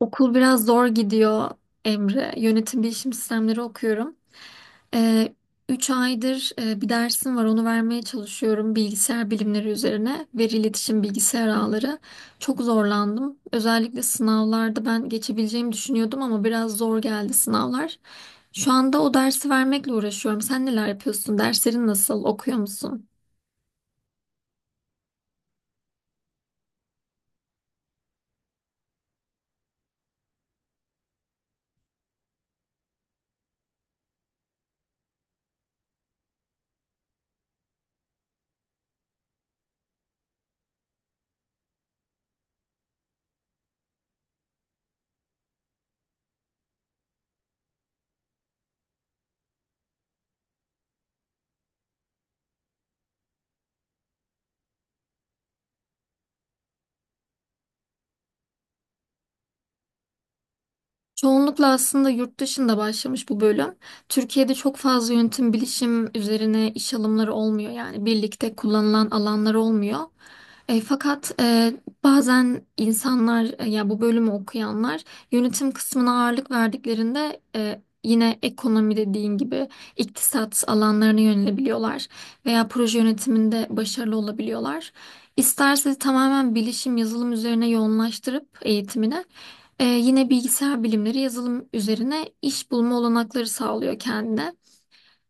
Okul biraz zor gidiyor, Emre. Yönetim bilişim sistemleri okuyorum. Ee, 3 aydır bir dersim var onu vermeye çalışıyorum bilgisayar bilimleri üzerine. Veri iletişim bilgisayar ağları. Çok zorlandım. Özellikle sınavlarda ben geçebileceğimi düşünüyordum ama biraz zor geldi sınavlar. Şu anda o dersi vermekle uğraşıyorum. Sen neler yapıyorsun? Derslerin nasıl? Okuyor musun? Çoğunlukla aslında yurt dışında başlamış bu bölüm. Türkiye'de çok fazla yönetim bilişim üzerine iş alımları olmuyor, yani birlikte kullanılan alanlar olmuyor. Fakat bazen insanlar, ya bu bölümü okuyanlar yönetim kısmına ağırlık verdiklerinde, yine ekonomi dediğin gibi iktisat alanlarına yönelebiliyorlar veya proje yönetiminde başarılı olabiliyorlar. İsterse tamamen bilişim yazılım üzerine yoğunlaştırıp eğitimine, yine bilgisayar bilimleri yazılım üzerine iş bulma olanakları sağlıyor kendine.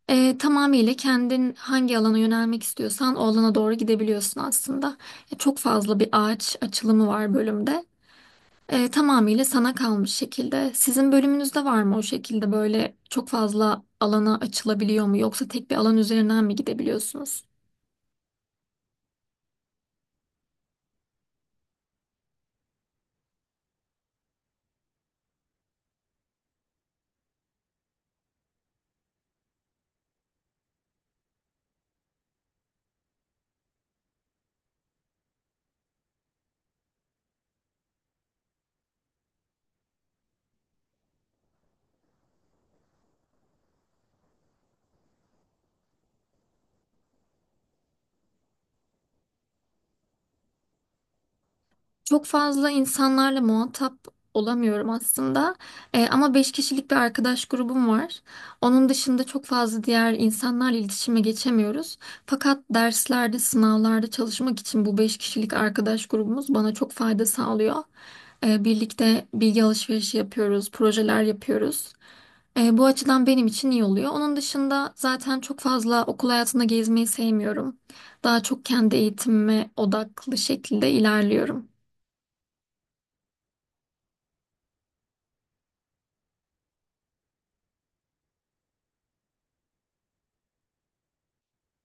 Tamamıyla kendin hangi alana yönelmek istiyorsan o alana doğru gidebiliyorsun aslında. Çok fazla bir ağaç açılımı var bölümde. Tamamıyla sana kalmış şekilde. Sizin bölümünüzde var mı o şekilde, böyle çok fazla alana açılabiliyor mu yoksa tek bir alan üzerinden mi gidebiliyorsunuz? Çok fazla insanlarla muhatap olamıyorum aslında. Ama beş kişilik bir arkadaş grubum var. Onun dışında çok fazla diğer insanlarla iletişime geçemiyoruz. Fakat derslerde, sınavlarda çalışmak için bu beş kişilik arkadaş grubumuz bana çok fayda sağlıyor. Birlikte bilgi alışverişi yapıyoruz, projeler yapıyoruz. Bu açıdan benim için iyi oluyor. Onun dışında zaten çok fazla okul hayatında gezmeyi sevmiyorum. Daha çok kendi eğitimime odaklı şekilde ilerliyorum.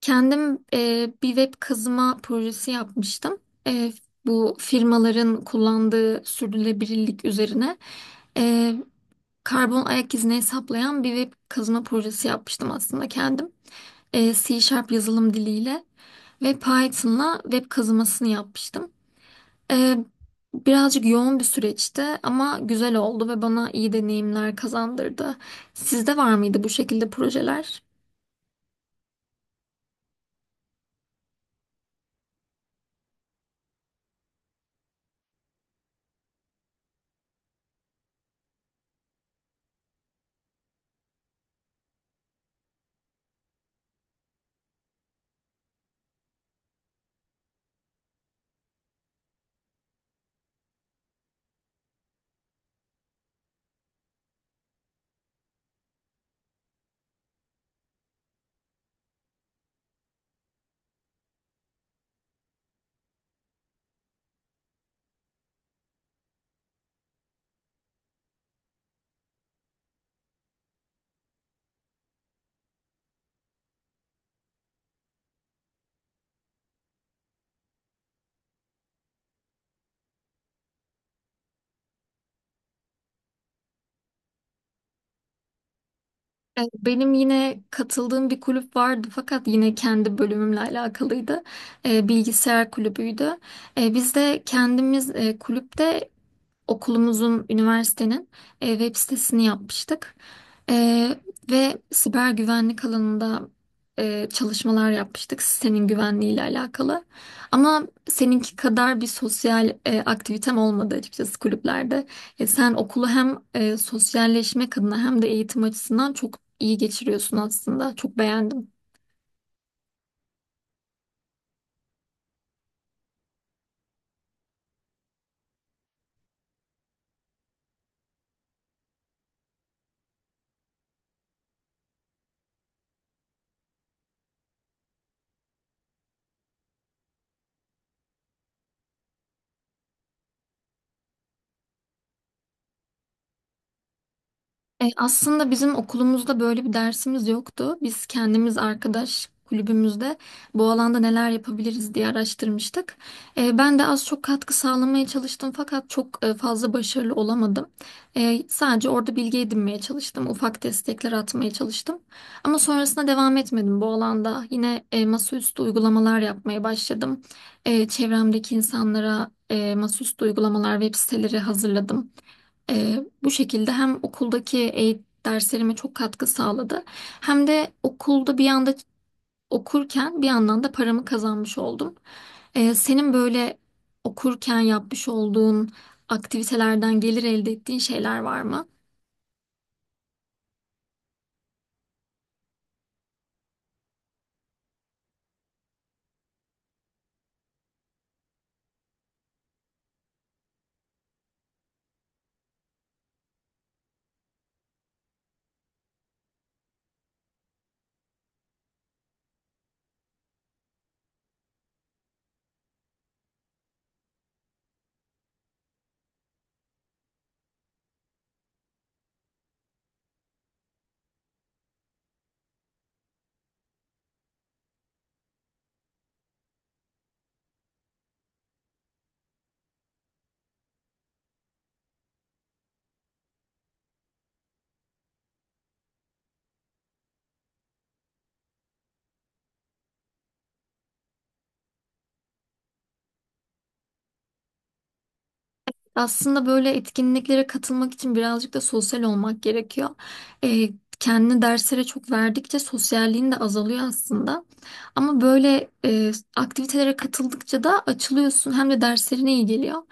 Kendim bir web kazıma projesi yapmıştım. E, Bu firmaların kullandığı sürdürülebilirlik üzerine, e, karbon ayak izini hesaplayan bir web kazıma projesi yapmıştım aslında kendim. C# Sharp yazılım diliyle ve Python'la web kazımasını yapmıştım. E, Birazcık yoğun bir süreçti ama güzel oldu ve bana iyi deneyimler kazandırdı. Sizde var mıydı bu şekilde projeler? Benim yine katıldığım bir kulüp vardı fakat yine kendi bölümümle alakalıydı. Bilgisayar kulübüydü. Biz de kendimiz kulüpte okulumuzun, üniversitenin, web sitesini yapmıştık. E, Ve siber güvenlik alanında, çalışmalar yapmıştık sitenin güvenliği ile alakalı. Ama seninki kadar bir sosyal aktivitem olmadı açıkçası kulüplerde. Sen okulu hem sosyalleşmek adına hem de eğitim açısından çok iyi geçiriyorsun aslında. Çok beğendim. Aslında bizim okulumuzda böyle bir dersimiz yoktu. Biz kendimiz arkadaş kulübümüzde bu alanda neler yapabiliriz diye araştırmıştık. Ben de az çok katkı sağlamaya çalıştım fakat çok fazla başarılı olamadım. Sadece orada bilgi edinmeye çalıştım, ufak destekler atmaya çalıştım. Ama sonrasında devam etmedim bu alanda. Yine masaüstü uygulamalar yapmaya başladım. Çevremdeki insanlara, masaüstü uygulamalar, web siteleri hazırladım. Bu şekilde hem okuldaki eğitim derslerime çok katkı sağladı hem de okulda bir yanda okurken bir yandan da paramı kazanmış oldum. Senin böyle okurken yapmış olduğun aktivitelerden gelir elde ettiğin şeyler var mı? Aslında böyle etkinliklere katılmak için birazcık da sosyal olmak gerekiyor. Ee, Kendini derslere çok verdikçe sosyalliğin de azalıyor aslında. Ama böyle aktivitelere katıldıkça da açılıyorsun hem de derslerine iyi geliyor.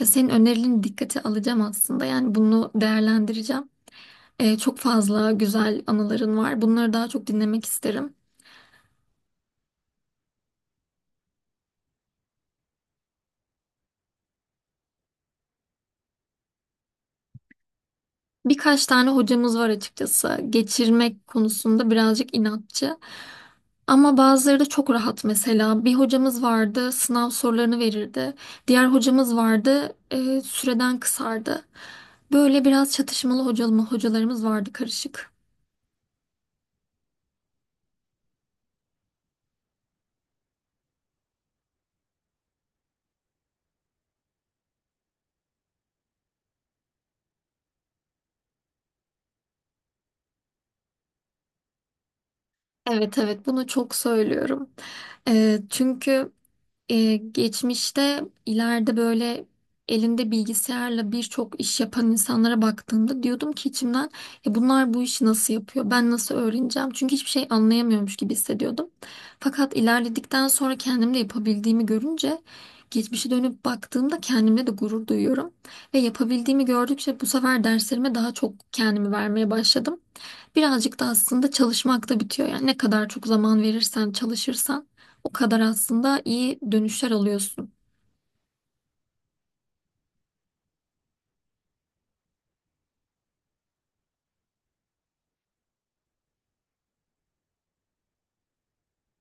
Ya senin önerilerini dikkate alacağım aslında. Yani bunu değerlendireceğim. Çok fazla güzel anıların var. Bunları daha çok dinlemek isterim. Birkaç tane hocamız var açıkçası. Geçirmek konusunda birazcık inatçı. Ama bazıları da çok rahat mesela. Bir hocamız vardı, sınav sorularını verirdi. Diğer hocamız vardı, süreden kısardı. Böyle biraz çatışmalı hocalarımız vardı, karışık. Evet, evet, bunu çok söylüyorum. Çünkü, geçmişte ileride böyle elinde bilgisayarla birçok iş yapan insanlara baktığımda diyordum ki içimden, ya bunlar bu işi nasıl yapıyor? Ben nasıl öğreneceğim? Çünkü hiçbir şey anlayamıyormuş gibi hissediyordum. Fakat ilerledikten sonra kendimde yapabildiğimi görünce, geçmişe dönüp baktığımda kendimle de gurur duyuyorum. Ve yapabildiğimi gördükçe bu sefer derslerime daha çok kendimi vermeye başladım. Birazcık da aslında çalışmakta bitiyor. Yani ne kadar çok zaman verirsen, çalışırsan o kadar aslında iyi dönüşler alıyorsun.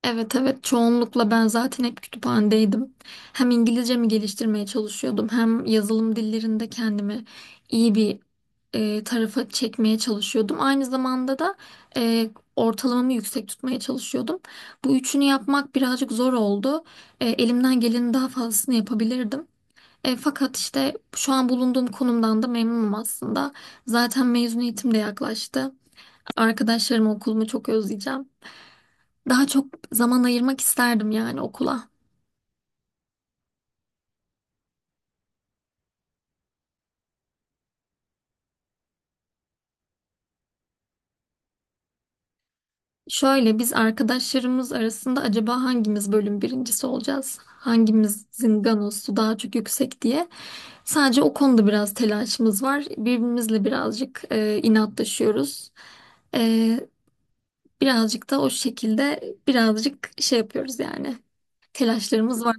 Evet, evet, çoğunlukla ben zaten hep kütüphanedeydim. Hem İngilizcemi geliştirmeye çalışıyordum, hem yazılım dillerinde kendimi iyi bir tarafa çekmeye çalışıyordum. Aynı zamanda da e, ortalamamı yüksek tutmaya çalışıyordum. Bu üçünü yapmak birazcık zor oldu. Elimden gelenin daha fazlasını yapabilirdim. Fakat işte şu an bulunduğum konumdan da memnunum aslında. Zaten mezuniyetim de yaklaştı. Arkadaşlarım, okulumu çok özleyeceğim. Daha çok zaman ayırmak isterdim yani okula. Şöyle, biz arkadaşlarımız arasında acaba hangimiz bölüm birincisi olacağız? Hangimizin ganosu daha çok yüksek diye. Sadece o konuda biraz telaşımız var. Birbirimizle birazcık inatlaşıyoruz. E, Birazcık da o şekilde birazcık şey yapıyoruz yani. Telaşlarımız var.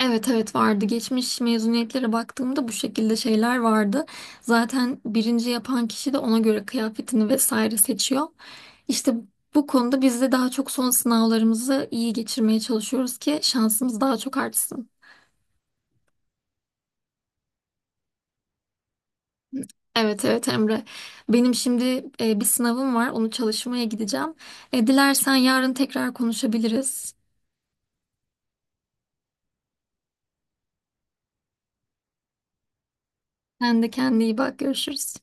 Evet, evet, vardı. Geçmiş mezuniyetlere baktığımda bu şekilde şeyler vardı. Zaten birinci yapan kişi de ona göre kıyafetini vesaire seçiyor. İşte bu konuda biz de daha çok son sınavlarımızı iyi geçirmeye çalışıyoruz ki şansımız daha çok artsın. Evet, evet, Emre. Benim şimdi bir sınavım var. Onu çalışmaya gideceğim. Dilersen yarın tekrar konuşabiliriz. Sen de kendine iyi bak. Görüşürüz.